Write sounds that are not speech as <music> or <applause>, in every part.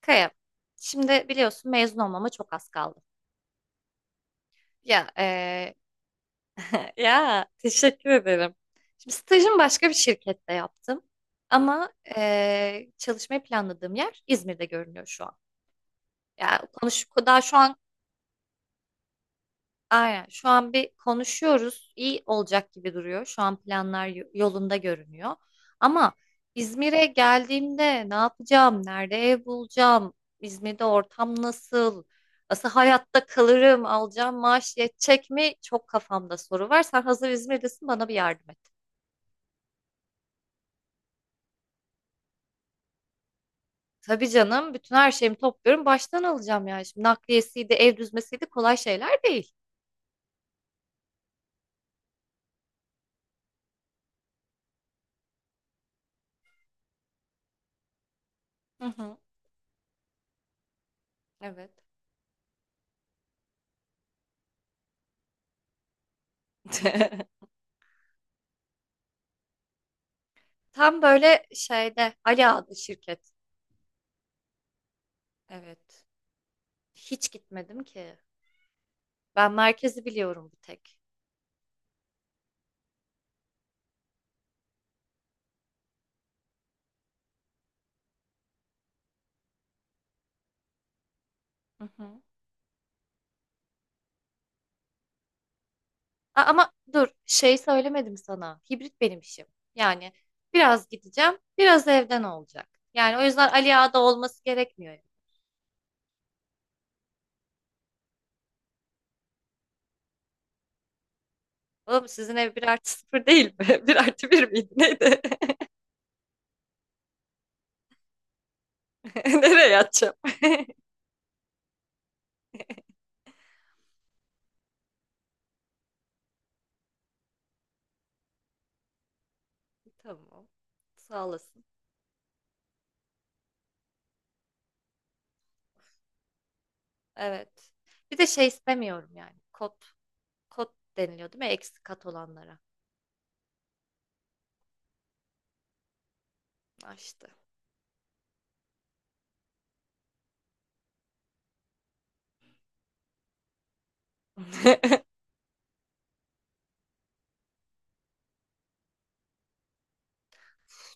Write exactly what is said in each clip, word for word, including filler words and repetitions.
Kaya, şimdi biliyorsun mezun olmama çok az kaldı. Ya, eee, <laughs> ya teşekkür ederim. Şimdi stajımı başka bir şirkette yaptım. Ama eee çalışmayı planladığım yer İzmir'de görünüyor şu an. Ya konuş daha şu an aynen. Şu an bir konuşuyoruz. İyi olacak gibi duruyor. Şu an planlar y- yolunda görünüyor. Ama İzmir'e geldiğimde ne yapacağım? Nerede ev bulacağım? İzmir'de ortam nasıl? Nasıl hayatta kalırım? Alacağım maaş yetecek mi? Çok kafamda soru var. Sen hazır İzmir'desin bana bir yardım et. Tabii canım. Bütün her şeyimi topluyorum. Baştan alacağım yani. Şimdi nakliyesiydi, ev düzmesiydi kolay şeyler değil. Hı hı. Evet. <laughs> Tam böyle şeyde Ali adlı şirket. Evet. Hiç gitmedim ki. Ben merkezi biliyorum bir tek. Hı hı. A- ama dur şey söylemedim sana. Hibrit benim işim. Yani biraz gideceğim, biraz evden olacak. Yani o yüzden Ali Ağa'da olması gerekmiyor. Oğlum sizin ev bir artı sıfır değil mi? <laughs> Bir artı bir miydi? Neydi? <laughs> Nereye yatacağım? <laughs> Tamam. Sağ olasın. Evet. Bir de şey istemiyorum yani. Kot. Kot deniliyor değil mi? Eksi kat olanlara. Açtı. <laughs>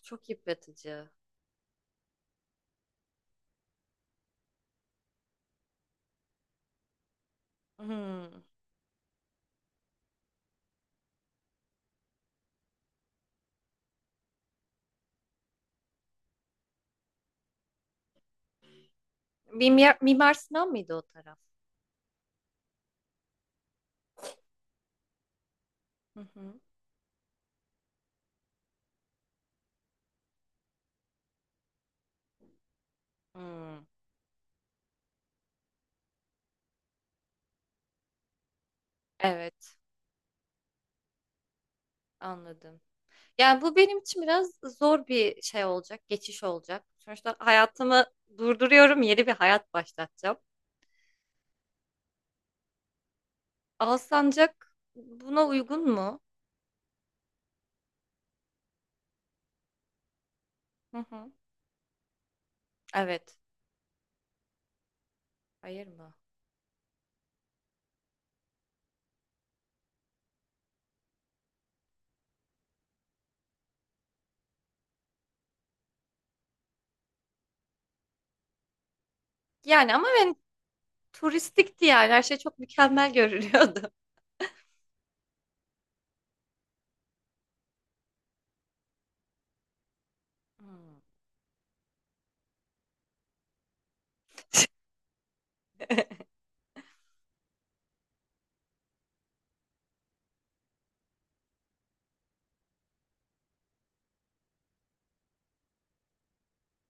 Çok yıpratıcı. Hmm. Mimyar Mimar Sinan mıydı o taraf? Hı hı. Hımm. Evet, anladım. Yani, bu benim için biraz zor bir şey olacak, geçiş olacak. Sonuçta hayatımı durduruyorum, yeni bir hayat başlatacağım. Alsancak buna uygun mu? Hı hı. Evet. Hayır mı? Yani ama ben turistikti yani her şey çok mükemmel görünüyordu. <laughs> Hmm.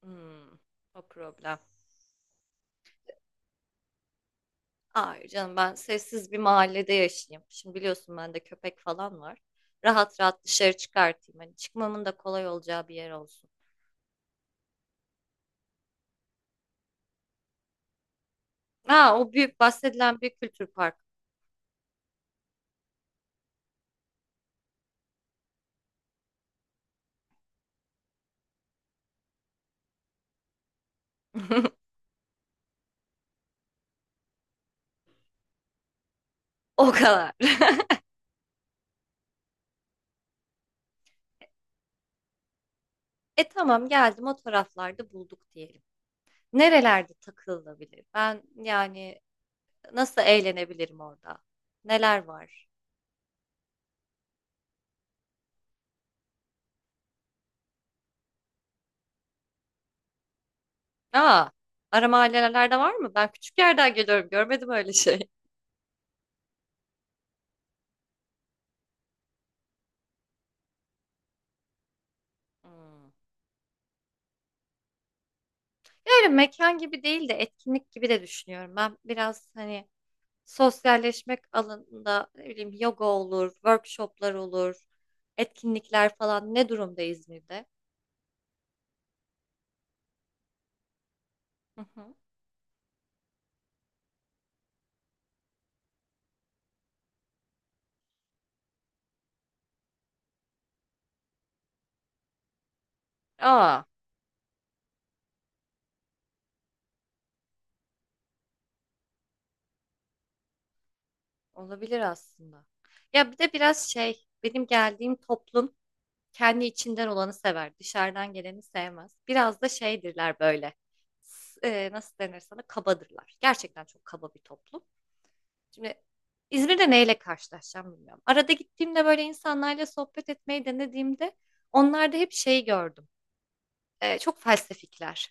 Hımm. O problem. Hayır canım ben sessiz bir mahallede yaşayayım. Şimdi biliyorsun bende köpek falan var. Rahat rahat dışarı çıkartayım. Hani çıkmamın da kolay olacağı bir yer olsun. Ha o büyük bahsedilen büyük kültür parkı. <laughs> O kadar. E tamam geldim o taraflarda bulduk diyelim. Nerelerde takılabilir? Ben yani nasıl eğlenebilirim orada? Neler var? Aa, ara mahallelerde var mı? Ben küçük yerden geliyorum. Görmedim öyle şey. Hmm. Böyle mekan gibi değil de etkinlik gibi de düşünüyorum. Ben biraz hani sosyalleşmek alanında ne bileyim yoga olur, workshoplar olur, etkinlikler falan ne durumda İzmir'de? Hı hı. Aa, olabilir aslında. Ya bir de biraz şey, benim geldiğim toplum kendi içinden olanı sever, dışarıdan geleni sevmez. Biraz da şeydirler böyle. S- e, nasıl denir sana? Kabadırlar. Gerçekten çok kaba bir toplum. Şimdi İzmir'de neyle karşılaşacağım bilmiyorum. Arada gittiğimde böyle insanlarla sohbet etmeyi denediğimde onlarda hep şey gördüm. Ee, çok felsefikler.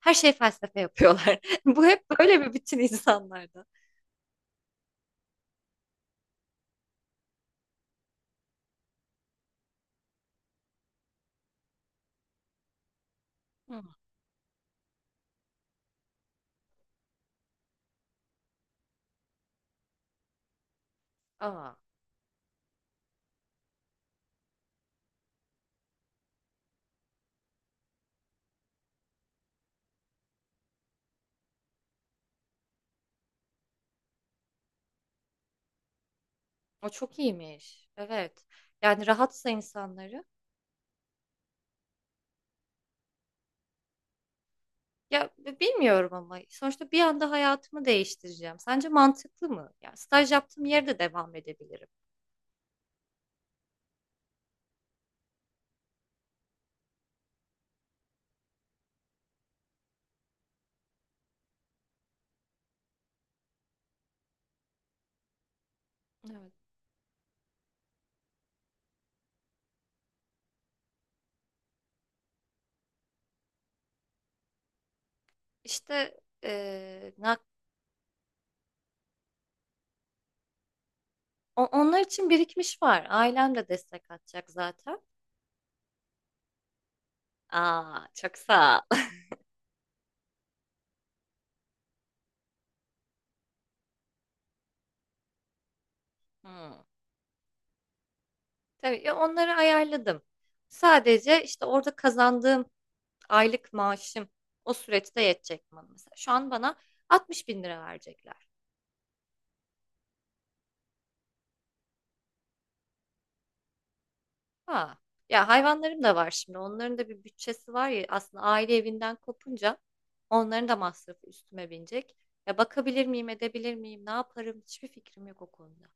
Her şey felsefe yapıyorlar. <laughs> Bu hep böyle bir bütün insanlarda. Hı. Aa, o çok iyiymiş. Evet. Yani rahatsa insanları. Ya b- bilmiyorum ama sonuçta bir anda hayatımı değiştireceğim. Sence mantıklı mı? Ya staj yaptığım yerde devam edebilirim. Evet. İşte eee, ne O- onlar için birikmiş var. Ailem de destek atacak zaten. Aa, çok sağ ol. <laughs> Hmm. Tabii ya onları ayarladım. Sadece işte orada kazandığım aylık maaşım o süreçte yetecek bana mesela. Şu an bana altmış bin lira verecekler. Ha. Ya hayvanlarım da var şimdi. Onların da bir bütçesi var ya aslında aile evinden kopunca onların da masrafı üstüme binecek. Ya bakabilir miyim, edebilir miyim, ne yaparım hiçbir fikrim yok o konuda.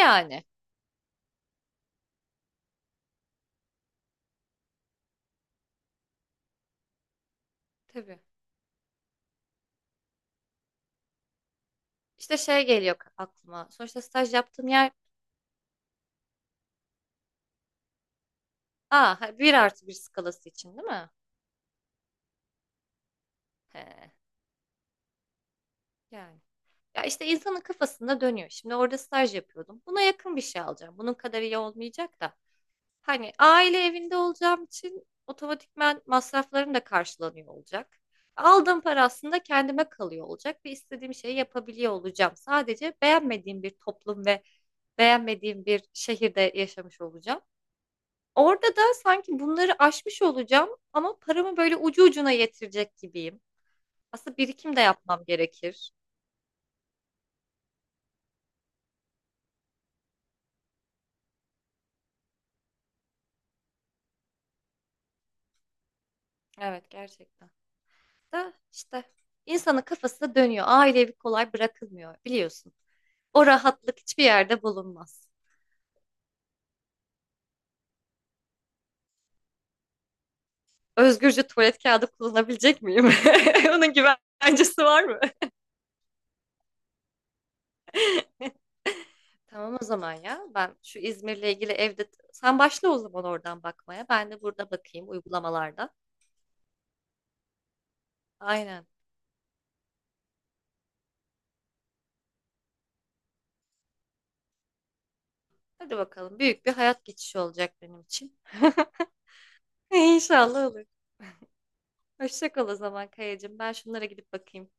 Yani tabii. İşte şey geliyor aklıma. Sonuçta staj yaptığım yer aa, ha, bir artı bir skalası için değil mi? He, yani. Ya işte insanın kafasında dönüyor. Şimdi orada staj yapıyordum. Buna yakın bir şey alacağım. Bunun kadar iyi olmayacak da. Hani aile evinde olacağım için otomatikman masraflarım da karşılanıyor olacak. Aldığım para aslında kendime kalıyor olacak ve istediğim şeyi yapabiliyor olacağım. Sadece beğenmediğim bir toplum ve beğenmediğim bir şehirde yaşamış olacağım. Orada da sanki bunları aşmış olacağım ama paramı böyle ucu ucuna yetirecek gibiyim. Aslında birikim de yapmam gerekir. Evet gerçekten. Da işte insanın kafası dönüyor. Ailevi kolay bırakılmıyor biliyorsun. O rahatlık hiçbir yerde bulunmaz. Özgürce tuvalet kağıdı kullanabilecek miyim? <laughs> Onun güvencesi var mı? <laughs> Tamam o zaman ya. Ben şu İzmir'le ilgili evde sen başla o zaman oradan bakmaya. Ben de burada bakayım uygulamalarda. Aynen. Hadi bakalım. Büyük bir hayat geçişi olacak benim için. <laughs> İnşallah olur. Hoşça kal o zaman Kayacığım. Ben şunlara gidip bakayım.